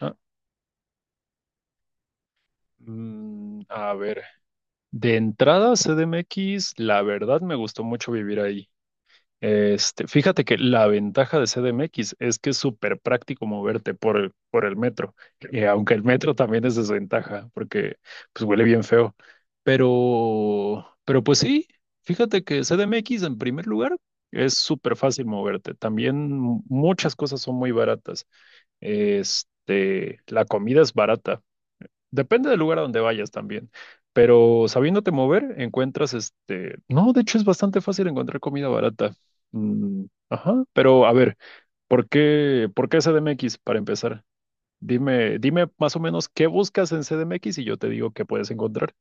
Ah, a ver, de entrada CDMX, la verdad me gustó mucho vivir ahí. Este, fíjate que la ventaja de CDMX es que es súper práctico moverte por el metro, aunque el metro también es desventaja, porque pues huele bien feo. Pero pues sí, fíjate que CDMX en primer lugar es súper fácil moverte. También muchas cosas son muy baratas. Este, la comida es barata. Depende del lugar a donde vayas también, pero sabiéndote mover, encuentras este, no, de hecho es bastante fácil encontrar comida barata. Mm, ajá, pero a ver, ¿por qué CDMX para empezar? Dime, dime más o menos qué buscas en CDMX y yo te digo qué puedes encontrar.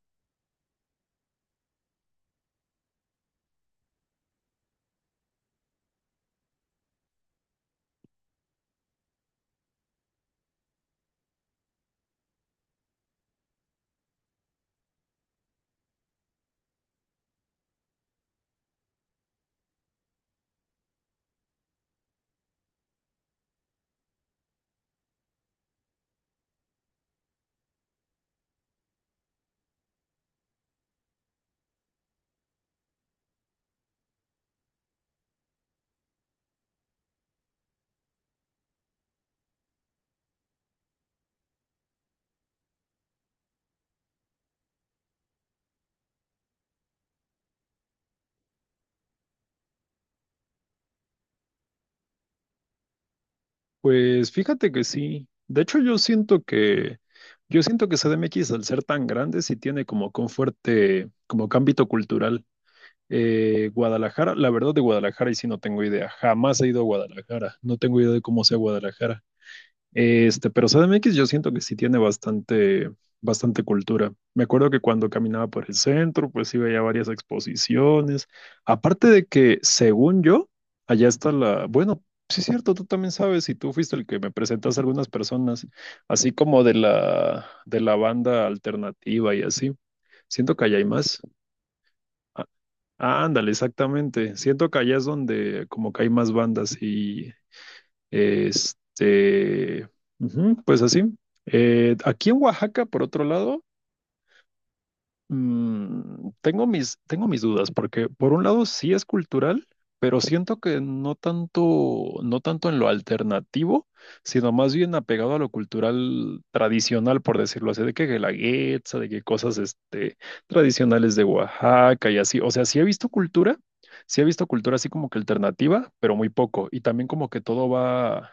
Pues fíjate que sí. De hecho, yo siento que CDMX, al ser tan grande, sí tiene como que un fuerte, como que ámbito cultural. Guadalajara, la verdad de Guadalajara, y sí no tengo idea. Jamás he ido a Guadalajara. No tengo idea de cómo sea Guadalajara. Este, pero CDMX yo siento que sí tiene bastante, bastante cultura. Me acuerdo que cuando caminaba por el centro, pues sí veía varias exposiciones. Aparte de que, según yo, allá está la, bueno, sí es cierto, tú también sabes, y tú fuiste el que me presentaste a algunas personas, así como de la banda alternativa y así. Siento que allá hay más. Ah, ándale, exactamente. Siento que allá es donde como que hay más bandas y este, ujú, pues así. Aquí en Oaxaca, por otro lado, tengo mis dudas, porque por un lado sí es cultural, pero siento que no tanto en lo alternativo, sino más bien apegado a lo cultural tradicional, por decirlo así, de que la guetza, de que cosas este, tradicionales de Oaxaca y así. O sea, sí he visto cultura así como que alternativa, pero muy poco. Y también como que todo va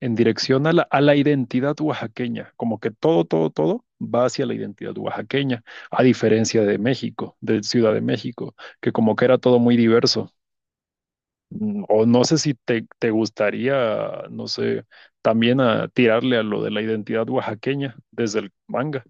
en dirección a la identidad oaxaqueña, como que todo, todo, todo va hacia la identidad oaxaqueña, a diferencia de México, de Ciudad de México, que como que era todo muy diverso. O no sé si te gustaría, no sé, también a tirarle a lo de la identidad oaxaqueña desde el manga.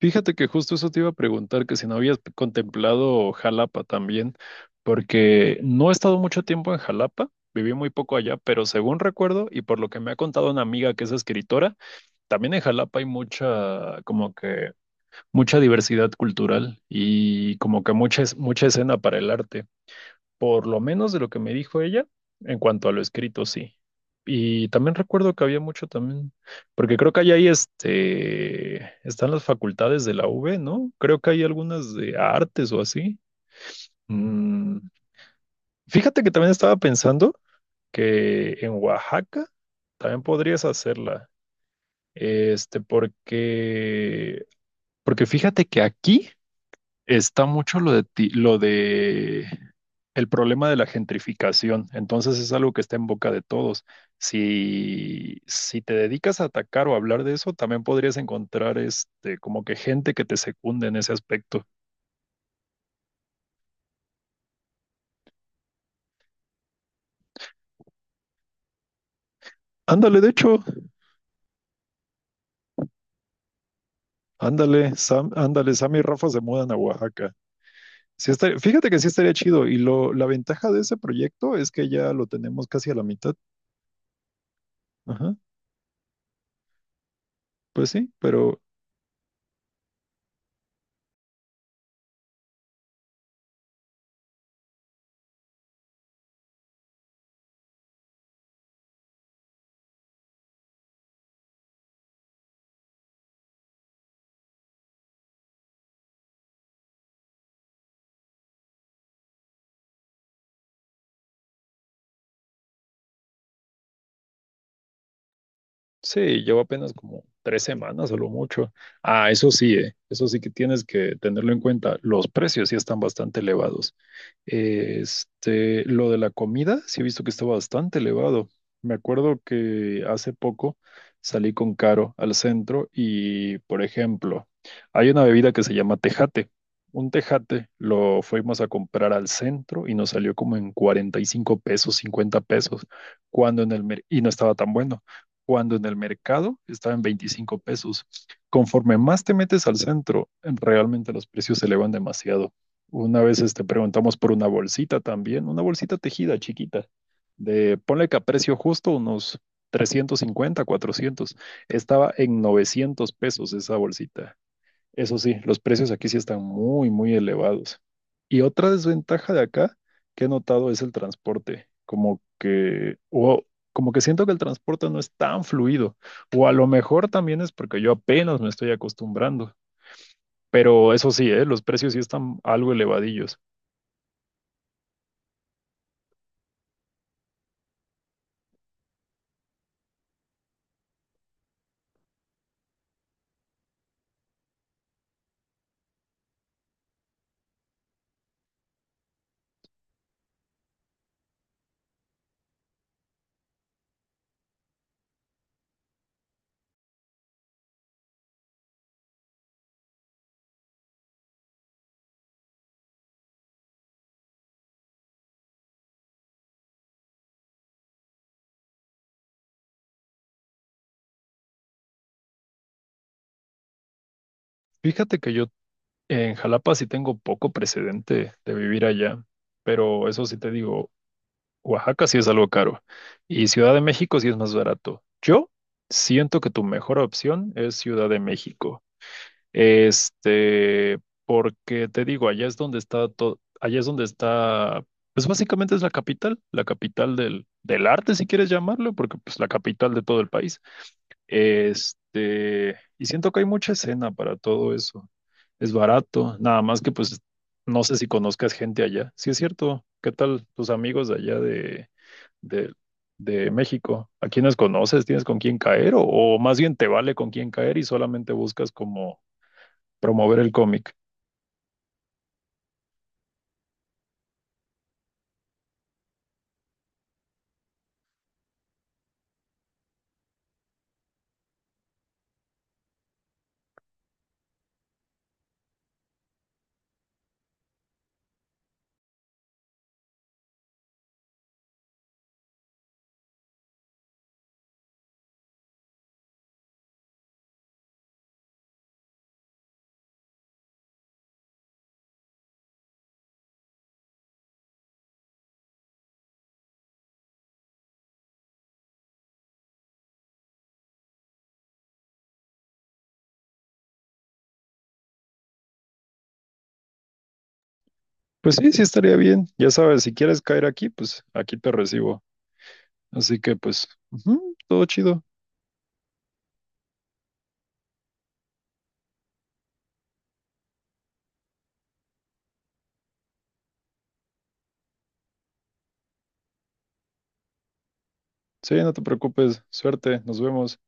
Fíjate que justo eso te iba a preguntar, que si no habías contemplado Jalapa también, porque no he estado mucho tiempo en Jalapa, viví muy poco allá, pero según recuerdo y por lo que me ha contado una amiga que es escritora, también en Jalapa hay como que, mucha diversidad cultural y como que mucha escena para el arte, por lo menos de lo que me dijo ella, en cuanto a lo escrito, sí. Y también recuerdo que había mucho también, porque creo que hay ahí este, están las facultades de la UV, ¿no? Creo que hay algunas de artes o así. Mm, Fíjate que también estaba pensando que en Oaxaca también podrías hacerla. Este, porque fíjate que aquí está mucho lo de el problema de la gentrificación. Entonces es algo que está en boca de todos. Si te dedicas a atacar o hablar de eso, también podrías encontrar este como que gente que te secunde en ese aspecto. Ándale, de hecho, ándale, Sam y Rafa se mudan a Oaxaca. Fíjate que sí estaría chido. Y la ventaja de ese proyecto es que ya lo tenemos casi a la mitad. Ajá, pues sí, pero. Sí, llevo apenas como 3 semanas a lo mucho. Ah, eso sí que tienes que tenerlo en cuenta. Los precios sí están bastante elevados. Este, lo de la comida, sí he visto que está bastante elevado. Me acuerdo que hace poco salí con Caro al centro y, por ejemplo, hay una bebida que se llama tejate. Un tejate lo fuimos a comprar al centro y nos salió como en $45, $50, cuando en el mer- y no estaba tan bueno cuando en el mercado estaba en $25. Conforme más te metes al centro, realmente los precios se elevan demasiado. Una vez este, preguntamos por una bolsita también, una bolsita tejida chiquita, de ponle que a precio justo unos 350, 400. Estaba en $900 esa bolsita. Eso sí, los precios aquí sí están muy, muy elevados. Y otra desventaja de acá que he notado es el transporte. Como que siento que el transporte no es tan fluido. O a lo mejor también es porque yo apenas me estoy acostumbrando. Pero eso sí, ¿eh? Los precios sí están algo elevadillos. Fíjate que yo en Jalapa sí tengo poco precedente de vivir allá, pero eso sí te digo, Oaxaca sí es algo caro y Ciudad de México sí es más barato. Yo siento que tu mejor opción es Ciudad de México. Este, porque te digo, allá es donde está todo, allá es donde está, pues básicamente es la capital, la capital del arte, si quieres llamarlo, porque pues la capital de todo el país. Este, y siento que hay mucha escena para todo eso. Es barato, nada más que pues no sé si conozcas gente allá. Sí es cierto, ¿qué tal tus amigos de allá de, de México? ¿A quiénes conoces? ¿Tienes con quién caer? O más bien te vale con quién caer y solamente buscas como promover el cómic. Pues sí, sí estaría bien. Ya sabes, si quieres caer aquí, pues aquí te recibo. Así que pues, ujú, todo chido. Sí, no te preocupes. Suerte, nos vemos.